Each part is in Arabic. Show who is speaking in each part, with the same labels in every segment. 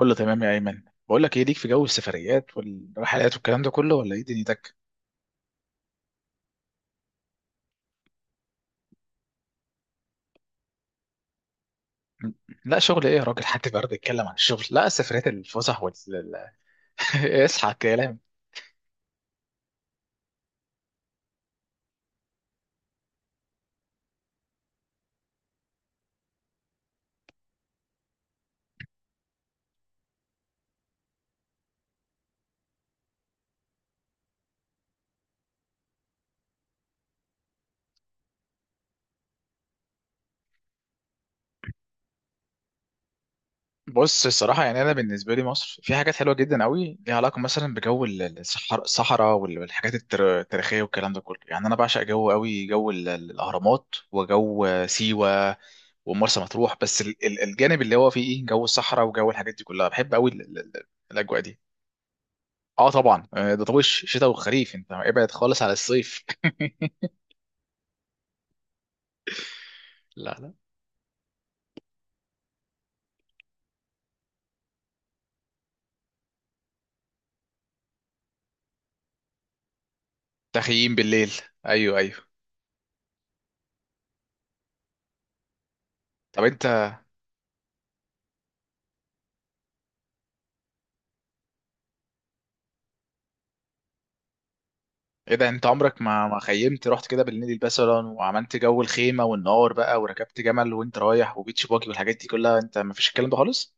Speaker 1: كله تمام يا ايمن. بقول لك ايه، ليك في جو السفريات والرحلات والكلام ده كله ولا ايه دنيتك؟ لا، شغل ايه يا راجل؟ حد برضه يتكلم عن الشغل؟ لا، السفريات، الفسح، اصحى كلام. بص، الصراحه يعني انا بالنسبه لي مصر في حاجات حلوه جدا قوي، ليها علاقه مثلا بجو الصحراء والحاجات التاريخيه والكلام ده كله. يعني انا بعشق جو قوي، جو الاهرامات وجو سيوه ومرسى مطروح، بس الجانب اللي هو فيه ايه، جو الصحراء وجو الحاجات دي كلها بحب قوي. الاجواء دي، اه طبعا، آه، ده طبعا شتاء وخريف، انت ابعد خالص على الصيف. لا لا. تخييم بالليل. ايوه ايوه. طب انت. ايه ده، انت عمرك ما خيمت، رحت كده بالليل مثلا وعملت جو الخيمه والنار بقى، وركبت جمل وانت رايح وبيتش باجي والحاجات دي كلها، انت ما فيش الكلام ده خالص؟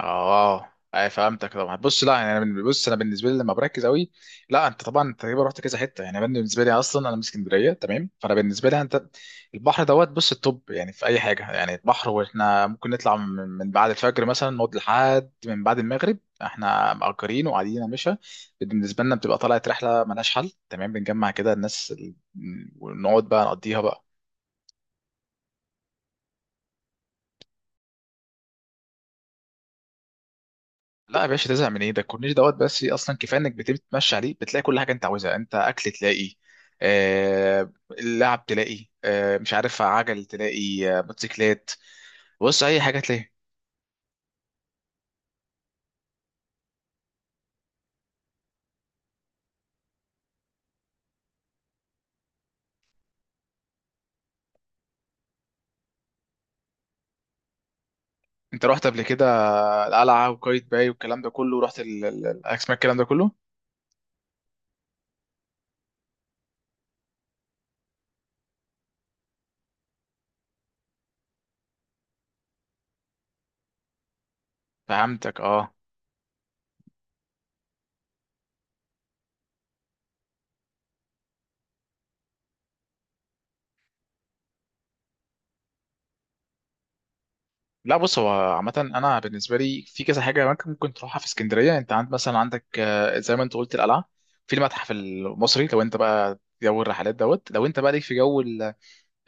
Speaker 1: اه، اي فهمتك طبعا. بص، لا يعني انا بص انا بالنسبه لي لما بركز قوي. لا، انت طبعا انت تقريبا رحت كذا حته. يعني أنا بالنسبه لي اصلا انا من اسكندريه، تمام، فانا بالنسبه لي انت البحر دوت، بص التوب يعني في اي حاجه، يعني البحر، واحنا ممكن نطلع من بعد الفجر مثلا، نقعد لحد من بعد المغرب، احنا مأجرين وقاعدين يا باشا. بالنسبه لنا بتبقى طلعت رحله ملهاش حل، تمام. بنجمع كده الناس ونقعد بقى نقضيها بقى. لا يا باشا، تزهق من ايه؟ ده الكورنيش دوت، بس اصلا كفايه انك بتبتدي تمشي عليه بتلاقي كل حاجه انت عاوزها، انت اكل تلاقي، آه، اللعب تلاقي، آه، مش عارف، عجل تلاقي، آه، موتوسيكلات. بص، اي حاجه تلاقي. انت رحت قبل كده القلعه وقايتباي باي والكلام ده كله، رحت الاسماك، الكلام ده كله؟ فهمتك. اه، لا بص، هو عامة أنا بالنسبة لي في كذا حاجة ممكن تروحها في اسكندرية. أنت عند مثلا، عندك، آه، زي ما أنت قلت القلعة، في المتحف المصري، لو أنت بقى جو الرحلات دوت، لو أنت بقى ليك في جو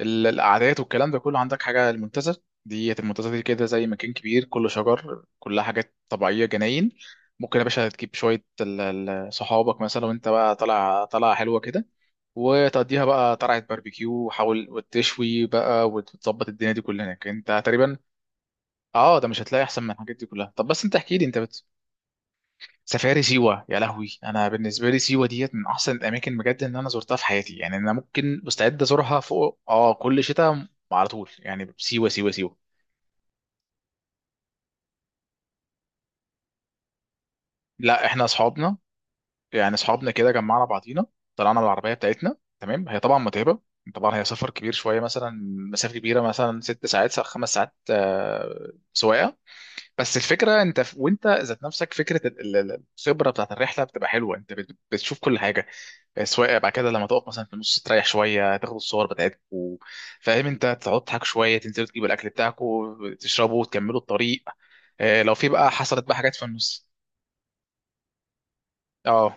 Speaker 1: القعدات والكلام ده كله، عندك حاجة المنتزه. دي المنتزه دي كده زي مكان كبير كله شجر، كلها حاجات طبيعية، جناين. ممكن يا باشا تجيب شوية صحابك مثلا، وانت بقى طالع طالعة حلوة كده، وتقضيها بقى طلعة باربيكيو، وحاول وتشوي بقى وتظبط الدنيا دي كلها هناك، انت تقريبا. اه، ده مش هتلاقي احسن من الحاجات دي كلها. طب بس انت احكي لي انت. سفاري، سيوة، يا لهوي، انا بالنسبه لي سيوة ديت من احسن الاماكن بجد ان انا زرتها في حياتي. يعني انا ممكن مستعد ازورها، فوق، اه، كل شتاء، على طول، يعني سيوة سيوة سيوة. لا، احنا اصحابنا، يعني اصحابنا كده جمعنا بعضينا، طلعنا بالعربيه بتاعتنا، تمام. هي طبعا متعبه، طبعا هي سفر كبير شويه، مثلا مسافه كبيره، مثلا ست ساعات خمس ساعات، آه، سواقه. بس الفكره انت وانت ذات نفسك فكره الخبره بتاعت الرحله بتبقى حلوه. انت بتشوف كل حاجه، سواء بعد كده لما تقف مثلا في النص، تريح شويه، تاخد الصور بتاعتكم، فاهم، انت تقعد تضحك شويه، تنزلوا تجيبوا الاكل بتاعكم، تشربوا وتكملوا الطريق. اه، لو في بقى، حصلت بقى حاجات في النص. اه.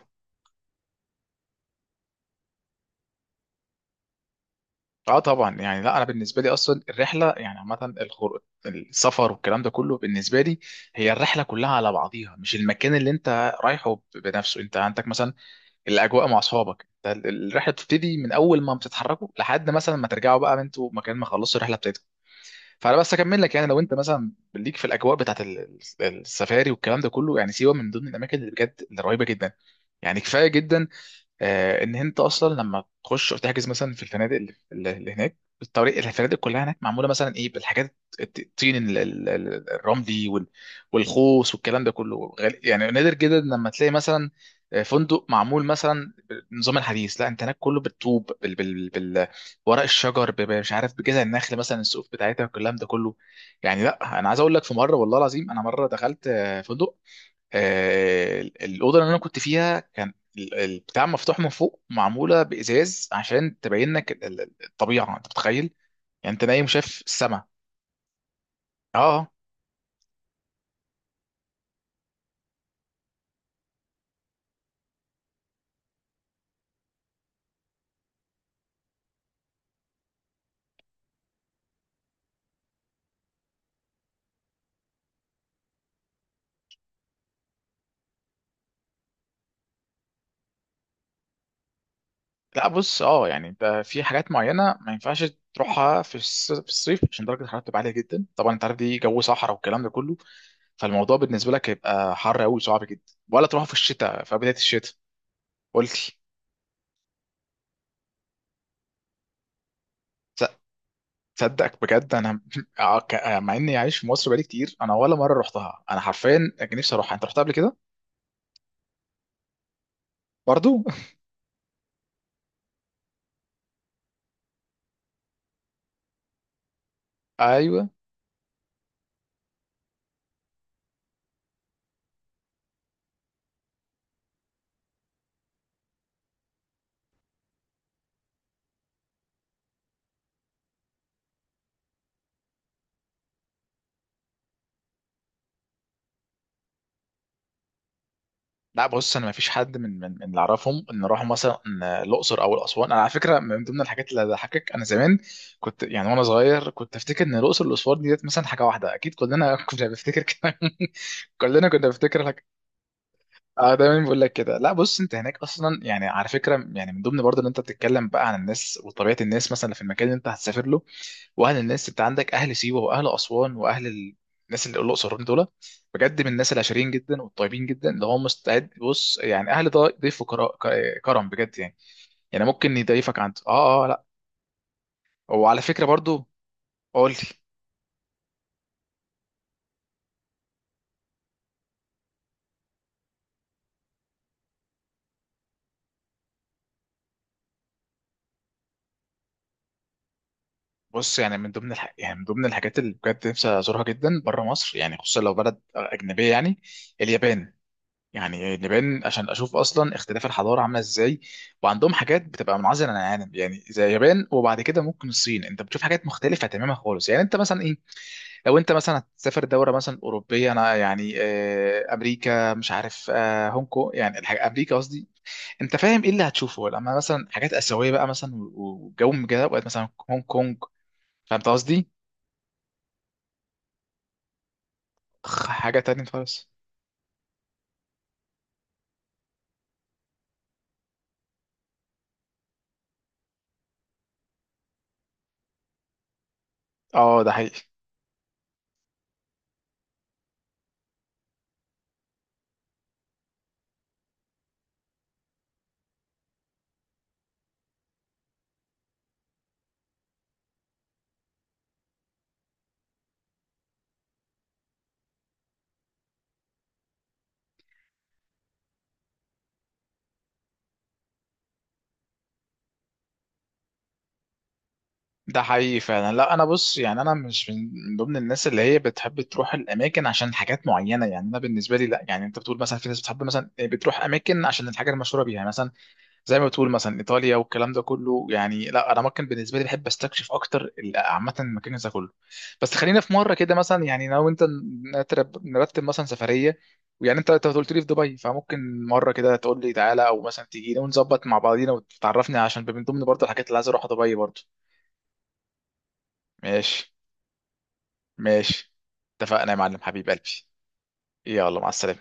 Speaker 1: اه طبعا، يعني لا انا بالنسبه لي اصلا الرحله يعني عامه، السفر والكلام ده كله بالنسبه لي، هي الرحله كلها على بعضيها، مش المكان اللي انت رايحه بنفسه. انت عندك مثلا الاجواء مع اصحابك، ده الرحله بتبتدي من اول ما بتتحركوا لحد مثلا ما ترجعوا بقى، انتوا مكان ما خلصتوا الرحله بتاعتكم. فانا بس اكمل لك، يعني لو انت مثلا ليك في الاجواء بتاعت السفاري والكلام ده كله، يعني سيوه من ضمن الاماكن اللي بجد اللي رهيبه جدا. يعني كفايه جدا، آه، ان انت اصلا لما تخش وتحجز مثلا في الفنادق اللي هناك، الطريق، الفنادق كلها هناك معموله مثلا ايه، بالحاجات الطين الرملي والخوص والكلام ده كله، يعني نادر جدا لما تلاقي مثلا، آه، فندق معمول مثلا بالنظام الحديث. لا، انت هناك كله بالطوب، بال ورق الشجر، مش عارف، بجذع النخل مثلا السقوف بتاعتها والكلام ده كله. يعني لا انا عايز اقول لك، في مره والله العظيم انا مره دخلت، آه، فندق، آه، الاوضه اللي انا كنت فيها كان بتاع مفتوح من فوق، معموله بازاز عشان تبين لك الطبيعه، انت متخيل؟ يعني انت نايم شايف السماء. اه آه. لا بص، اه يعني انت في حاجات معينه ما ينفعش تروحها في في الصيف، عشان درجه الحراره بتبقى عاليه جدا، طبعا انت عارف دي جو صحراء والكلام ده كله، فالموضوع بالنسبه لك هيبقى حر قوي صعب جدا، ولا تروح في الشتاء في بدايه الشتاء. قلت. تصدق بجد انا آه، آه، مع اني عايش في مصر بقالي كتير انا ولا مره رحتها، انا حرفيا كان نفسي اروحها، انت رحتها قبل كده؟ برضو. ايوه. لا بص، انا ما فيش حد من اللي اعرفهم ان راحوا مثلا، آه، الاقصر او الاسوان. انا على فكره من ضمن الحاجات اللي ضحكك، انا زمان كنت يعني وانا صغير كنت افتكر ان الاقصر والاسوان ديت مثلا حاجه واحده، اكيد كلنا كنا بنفتكر كده. كلنا كنا بنفتكر لك. اه، دايما بقول لك كده. لا بص، انت هناك اصلا يعني، على فكره، يعني من ضمن برضه ان انت بتتكلم بقى عن الناس وطبيعه الناس مثلا في المكان اللي انت هتسافر له، واهل الناس، انت عندك اهل سيوه واهل اسوان واهل الناس اللي الاقصر والأسوان، دول بجد من الناس العشرين جدا والطيبين جدا، اللي هم مستعد، بص، يعني اهل ضيف كرم بجد يعني. يعني ممكن يضيفك عند، اه اه لا. وعلى فكره برضو. قول لي. بص، يعني من ضمن يعني من ضمن الحاجات اللي بجد نفسي ازورها جدا بره مصر، يعني خصوصا لو بلد اجنبيه، يعني اليابان. يعني نبان عشان اشوف اصلا اختلاف الحضاره عامله ازاي، وعندهم حاجات بتبقى منعزله عن العالم يعني زي اليابان. وبعد كده ممكن الصين، انت بتشوف حاجات مختلفه تماما خالص. يعني انت مثلا ايه، لو انت مثلا هتسافر دوله مثلا اوروبيه، انا يعني، آه، امريكا، مش عارف، آه، هونج كونج، يعني الحاجة امريكا قصدي. انت فاهم ايه اللي هتشوفه لما مثلا حاجات اسيويه بقى مثلا وجو من كده وقت مثلا هونج كونج. فهمت قصدي؟ حاجه تانية خالص. اه ده حقيقي. ده حقيقي فعلا. لا انا بص، يعني انا مش من ضمن الناس اللي هي بتحب تروح الاماكن عشان حاجات معينه، يعني انا بالنسبه لي لا. يعني انت بتقول مثلا في ناس بتحب مثلا إيه، بتروح اماكن عشان الحاجه المشهوره بيها مثلا، زي ما بتقول مثلا ايطاليا والكلام ده كله. يعني لا، انا ممكن بالنسبه لي بحب استكشف اكتر عامه المكان ده كله. بس خلينا في مره كده مثلا، يعني لو انت نرتب مثلا سفريه، ويعني انت قلت لي في دبي، فممكن مره كده تقول لي تعالى، او مثلا تيجي ونظبط مع بعضينا وتعرفني، عشان من ضمن برضه الحاجات اللي عايز اروحها دبي برضه. ماشي ماشي. اتفقنا يا معلم، حبيب قلبي. يلا مع السلامة.